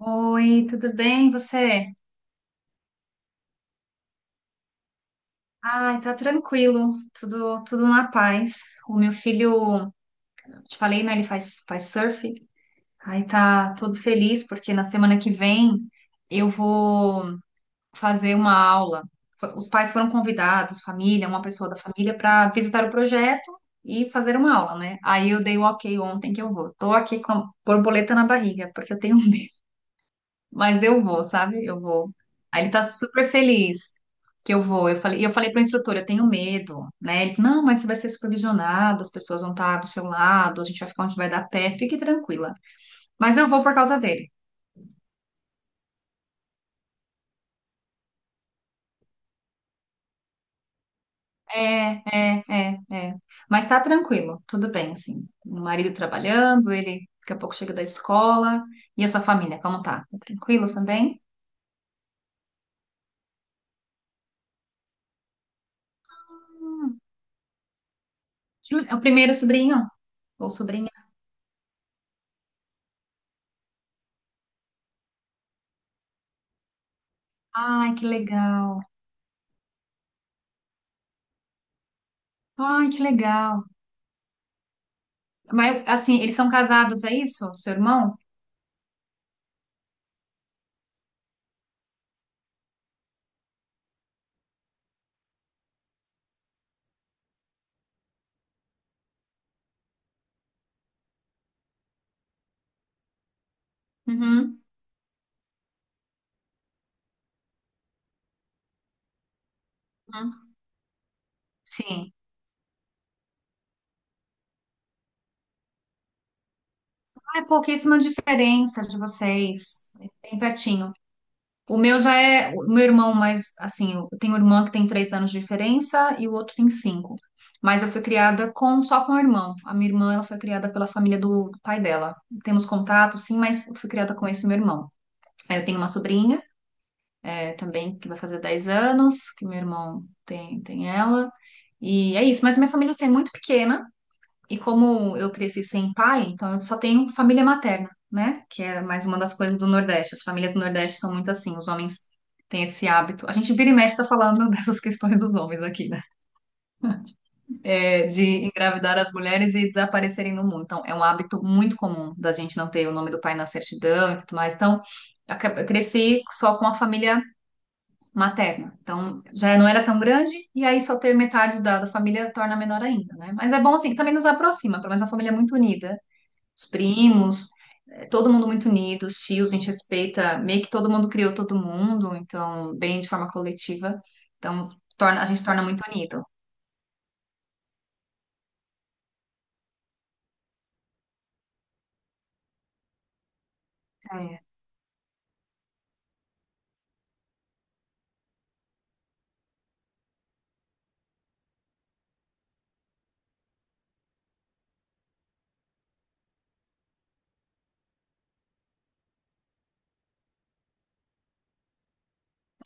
Oi, tudo bem? Você? Ai, tá tranquilo, tudo na paz. O meu filho, eu te falei, né? Ele faz surf. Aí tá todo feliz porque na semana que vem eu vou fazer uma aula. Os pais foram convidados, família, uma pessoa da família, para visitar o projeto e fazer uma aula, né? Aí eu dei o ok ontem que eu vou. Tô aqui com a borboleta na barriga porque eu tenho Mas eu vou, sabe? Eu vou. Aí ele tá super feliz que eu vou. Eu falei, e eu falei para o instrutor, eu tenho medo, né? Ele, não, mas você vai ser supervisionado, as pessoas vão estar do seu lado, a gente vai ficar onde vai dar pé, fique tranquila. Mas eu vou por causa dele. É, é, é, é. Mas tá tranquilo, tudo bem, assim. O marido trabalhando, ele daqui a pouco chega da escola. E a sua família, como tá? Tá tranquilo também? Hum. É o primeiro sobrinho ou sobrinha? Ai, que legal. Ai, que legal. Mas, assim, eles são casados, é isso? Seu irmão? Uhum. Uhum. Sim. Ah, é pouquíssima diferença de vocês. Bem pertinho. O meu já é. O meu irmão, mas, assim, eu tenho um irmão que tem 3 anos de diferença e o outro tem cinco. Mas eu fui criada com só com o irmão. A minha irmã, ela foi criada pela família do pai dela. Temos contato, sim, mas eu fui criada com esse meu irmão. Aí eu tenho uma sobrinha, é, também, que vai fazer 10 anos, que meu irmão tem ela. E é isso, mas minha família assim, é muito pequena. E como eu cresci sem pai, então eu só tenho família materna, né? Que é mais uma das coisas do Nordeste. As famílias do Nordeste são muito assim, os homens têm esse hábito. A gente vira e mexe tá falando dessas questões dos homens aqui, né? É, de engravidar as mulheres e desaparecerem no mundo. Então, é um hábito muito comum da gente não ter o nome do pai na certidão e tudo mais. Então, eu cresci só com a família materna. Então, já não era tão grande, e aí só ter metade da família torna menor ainda, né? Mas é bom assim, também nos aproxima, pelo menos a família é muito unida, os primos, é, todo mundo muito unido, os tios, a gente respeita, meio que todo mundo criou todo mundo, então, bem de forma coletiva. Então, torna, a gente torna muito unido. É,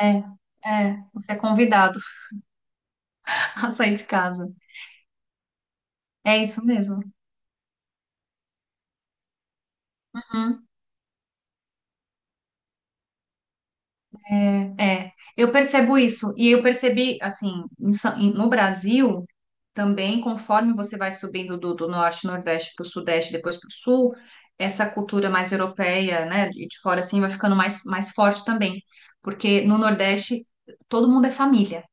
é, é, você é convidado a sair de casa. É isso mesmo. Uhum. É, é. Eu percebo isso. E eu percebi, assim, no Brasil, também, conforme você vai subindo do norte, nordeste para o sudeste, depois para o sul, essa cultura mais europeia, né, de fora, assim, vai ficando mais forte também. Porque no nordeste, todo mundo é família.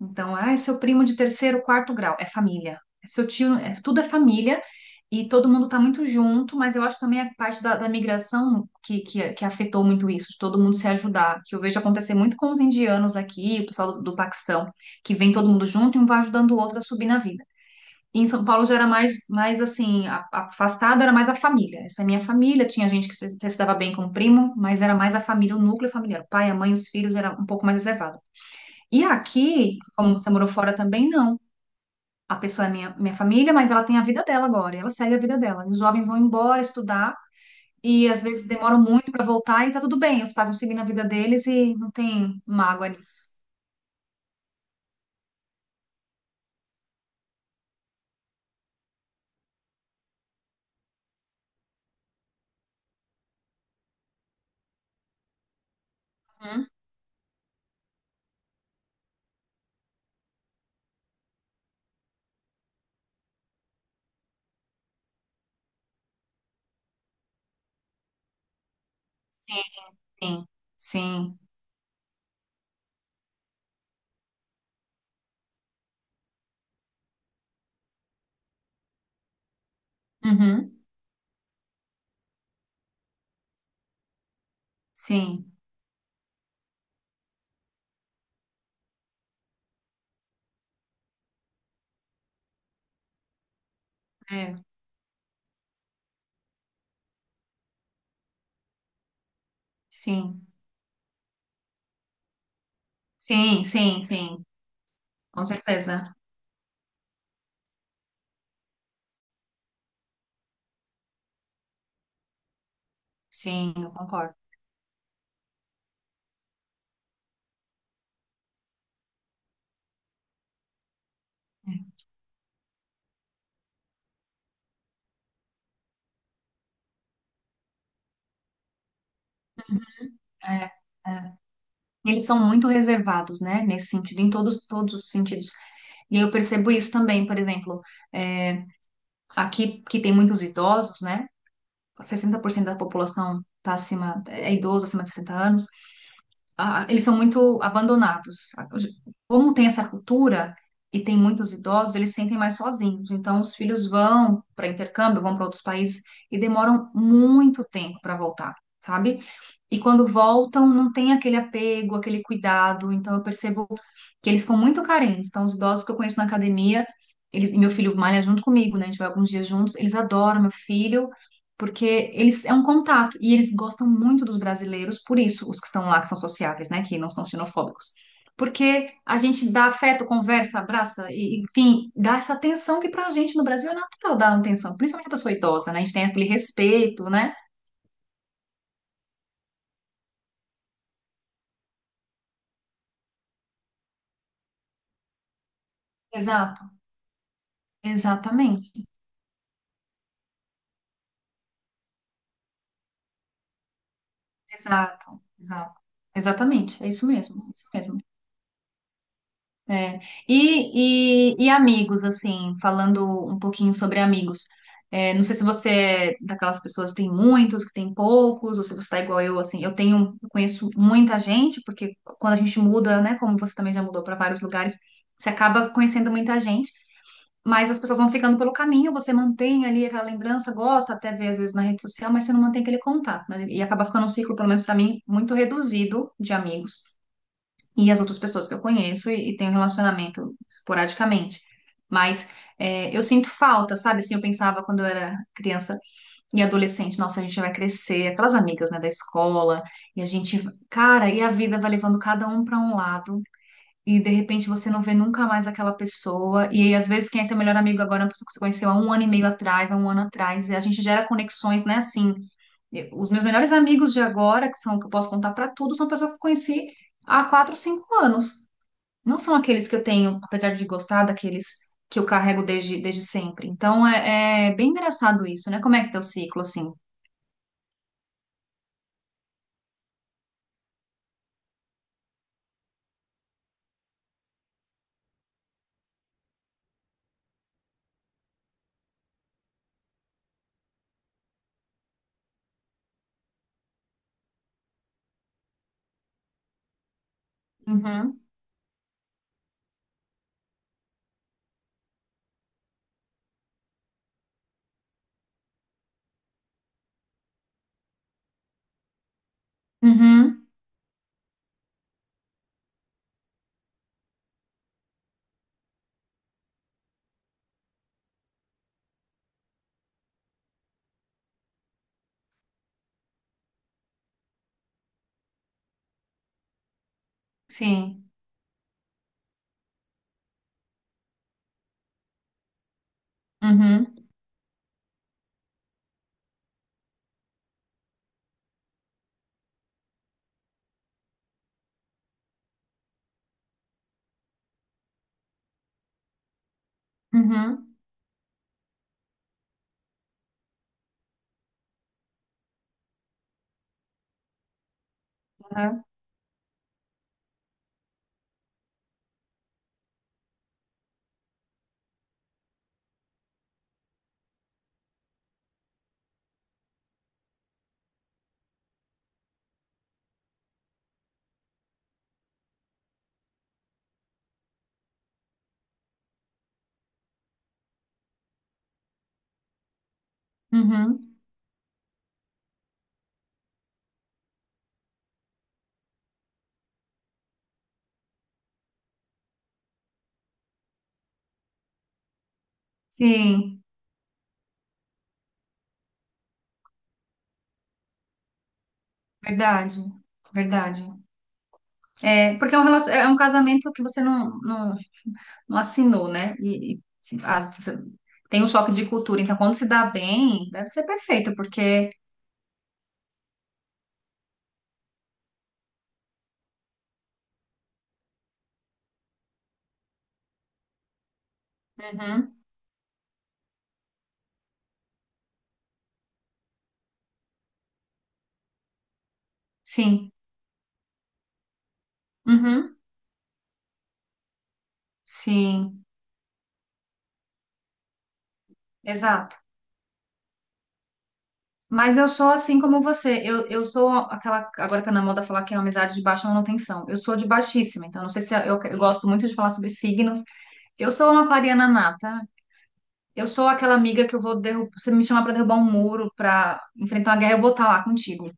Então, ah, é seu primo de terceiro, quarto grau, é família. É seu tio, tudo é família e todo mundo está muito junto, mas eu acho também a parte da migração que, que afetou muito isso, de todo mundo se ajudar, que eu vejo acontecer muito com os indianos aqui, o pessoal do Paquistão, que vem todo mundo junto e um vai ajudando o outro a subir na vida. E em São Paulo já era mais assim, afastado, era mais a família. Essa é a minha família, tinha gente que se dava bem com o primo, mas era mais a família, o núcleo familiar, o pai, a mãe, os filhos, era um pouco mais reservado. E aqui, como você morou fora também, não. A pessoa é minha família, mas ela tem a vida dela agora, e ela segue a vida dela. Os jovens vão embora estudar e às vezes demoram muito para voltar e tá tudo bem. Os pais vão seguir na vida deles e não tem mágoa nisso. Uhum. Sim, sim, sim. Uhum, sim, é, sim, sim, sim, sim, com certeza, sim, eu concordo. É, é. É. Eles são muito reservados, né, nesse sentido, em todos os sentidos. E eu percebo isso também, por exemplo. é, Aqui, que tem muitos idosos, né? 60% da população está acima, é idoso acima de 60 anos, ah, eles são muito abandonados. Como tem essa cultura e tem muitos idosos, eles sentem mais sozinhos. Então, os filhos vão para intercâmbio, vão para outros países e demoram muito tempo para voltar, sabe? E quando voltam, não tem aquele apego, aquele cuidado. Então, eu percebo que eles ficam muito carentes. Então, os idosos que eu conheço na academia, eles, e meu filho malha junto comigo, né? A gente vai alguns dias juntos, eles adoram meu filho porque eles é um contato e eles gostam muito dos brasileiros, por isso os que estão lá que são sociáveis, né, que não são xenofóbicos. Porque a gente dá afeto, conversa, abraça, e, enfim, dá essa atenção que pra gente no Brasil é natural dar atenção, principalmente a pessoa idosa, né? A gente tem aquele respeito, né? Exato, exatamente. Exato, exato. Exatamente, é isso mesmo, é isso mesmo. É. E amigos, assim, falando um pouquinho sobre amigos. É, não sei se você é daquelas pessoas que tem muitos, que tem poucos, ou se você tá igual eu, assim. Eu tenho, eu conheço muita gente, porque quando a gente muda, né, como você também já mudou para vários lugares, você acaba conhecendo muita gente, mas as pessoas vão ficando pelo caminho, você mantém ali aquela lembrança, gosta até ver às vezes na rede social, mas você não mantém aquele contato, né? E acaba ficando um ciclo, pelo menos para mim, muito reduzido de amigos e as outras pessoas que eu conheço e tenho relacionamento esporadicamente. Mas eu sinto falta, sabe? Assim, eu pensava quando eu era criança e adolescente, nossa, a gente vai crescer, aquelas amigas, né, da escola, e a gente, cara, e a vida vai levando cada um para um lado, e de repente você não vê nunca mais aquela pessoa, e aí, às vezes quem é teu melhor amigo agora é uma pessoa que você conheceu há um ano e meio atrás, há um ano atrás, e a gente gera conexões, né, assim. Os meus melhores amigos de agora, que são que eu posso contar para tudo, são pessoas que eu conheci há 4, 5 anos, não são aqueles que eu tenho, apesar de gostar, daqueles que eu carrego desde sempre. Então é bem engraçado isso, né? Como é que é o ciclo, assim? Uhum, uhum, sim, uhum, uhum, uhum, uhum, sim, verdade, verdade. É, porque é um casamento que você não, não, não assinou, né? E assim, tem um choque de cultura, então quando se dá bem, deve ser perfeito, porque. Uhum, sim, uhum, sim, exato. Mas eu sou assim como você. Eu sou aquela. Agora tá na moda falar que é amizade de baixa manutenção. Eu sou de baixíssima, então não sei se é, eu gosto muito de falar sobre signos. Eu sou uma aquariana nata. Eu sou aquela amiga que eu vou derrubar. Você me chamar pra derrubar um muro, pra enfrentar uma guerra, eu vou estar lá contigo.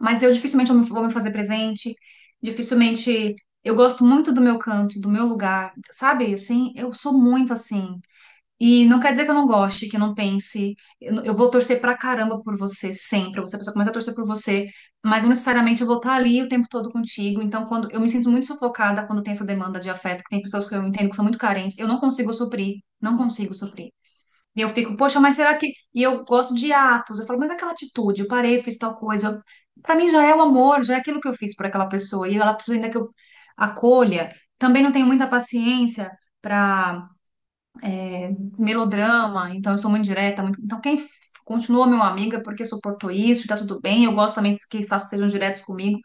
Mas eu dificilmente eu vou me fazer presente. Dificilmente. Eu gosto muito do meu canto, do meu lugar, sabe? Assim, eu sou muito assim. E não quer dizer que eu não goste, que eu não pense. Eu vou torcer pra caramba por você sempre. Você precisa começar a torcer por você, mas não necessariamente eu vou estar ali o tempo todo contigo. Então, quando eu me sinto muito sufocada quando tem essa demanda de afeto, que tem pessoas que eu entendo que são muito carentes, eu não consigo suprir, não consigo suprir. E eu fico, poxa, mas será que. E eu gosto de atos. Eu falo, mas aquela atitude, eu parei, fiz tal coisa. Pra mim já é o amor, já é aquilo que eu fiz por aquela pessoa. E ela precisa ainda que eu acolha. Também não tenho muita paciência para é, melodrama, então eu sou muito direta, então quem continua meu amigo é porque suportou isso, e tá tudo bem, eu gosto também que façam sejam diretos comigo.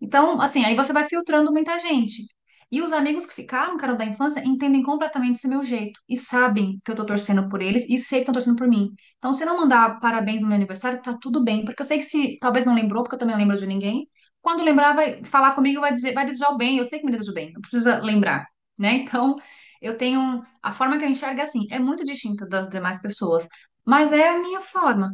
Então, assim, aí você vai filtrando muita gente. E os amigos que ficaram, cara, da infância, entendem completamente esse meu jeito e sabem que eu tô torcendo por eles e sei que estão torcendo por mim. Então, se eu não mandar parabéns no meu aniversário, tá tudo bem, porque eu sei que se talvez não lembrou, porque eu também não lembro de ninguém. Quando lembrar, vai falar comigo, e vai dizer, vai desejar o bem. Eu sei que me deseja o bem, não precisa lembrar, né? Então, eu tenho um, a forma que eu enxergo é assim, é muito distinta das demais pessoas, mas é a minha forma.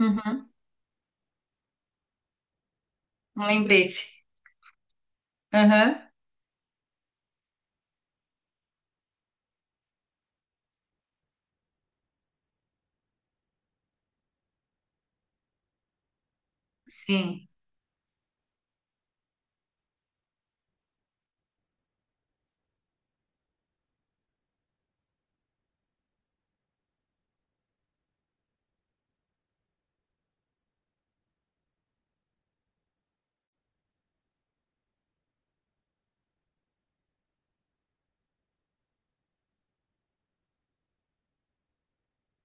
Uhum. Um lembrete. Aham. Sim.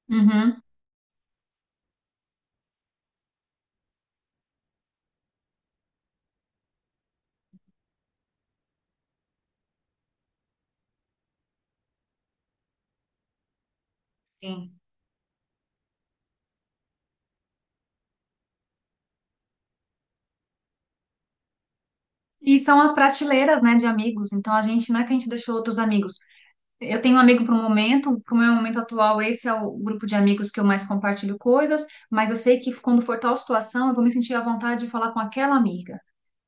Uhum. Sim. E são as prateleiras, né, de amigos. Então a gente não é que a gente deixou outros amigos. Eu tenho um amigo para o momento, para o meu momento atual, esse é o grupo de amigos que eu mais compartilho coisas, mas eu sei que quando for tal situação, eu vou me sentir à vontade de falar com aquela amiga.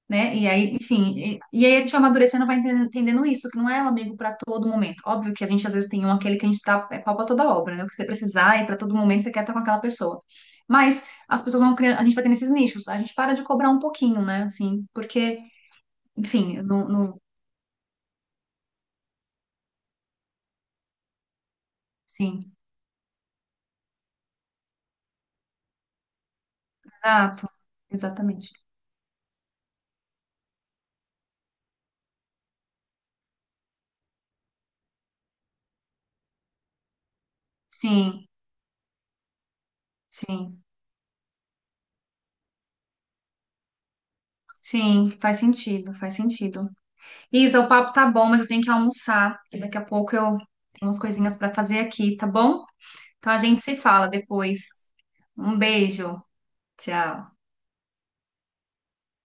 Né? E aí, enfim, e aí a gente vai amadurecendo, vai entendendo isso, que não é um amigo para todo momento. Óbvio que a gente às vezes tem um aquele que a gente tá, é pau pra toda obra, né? O que você precisar e para todo momento você quer estar com aquela pessoa. Mas as pessoas vão criando, a gente vai tendo esses nichos, a gente para de cobrar um pouquinho, né? Assim, porque, enfim, não, não, sim, exato, exatamente. Sim, sim. Sim, faz sentido, faz sentido. Isa, o papo tá bom, mas eu tenho que almoçar. Daqui a pouco eu tenho umas coisinhas para fazer aqui, tá bom? Então a gente se fala depois. Um beijo. Tchau.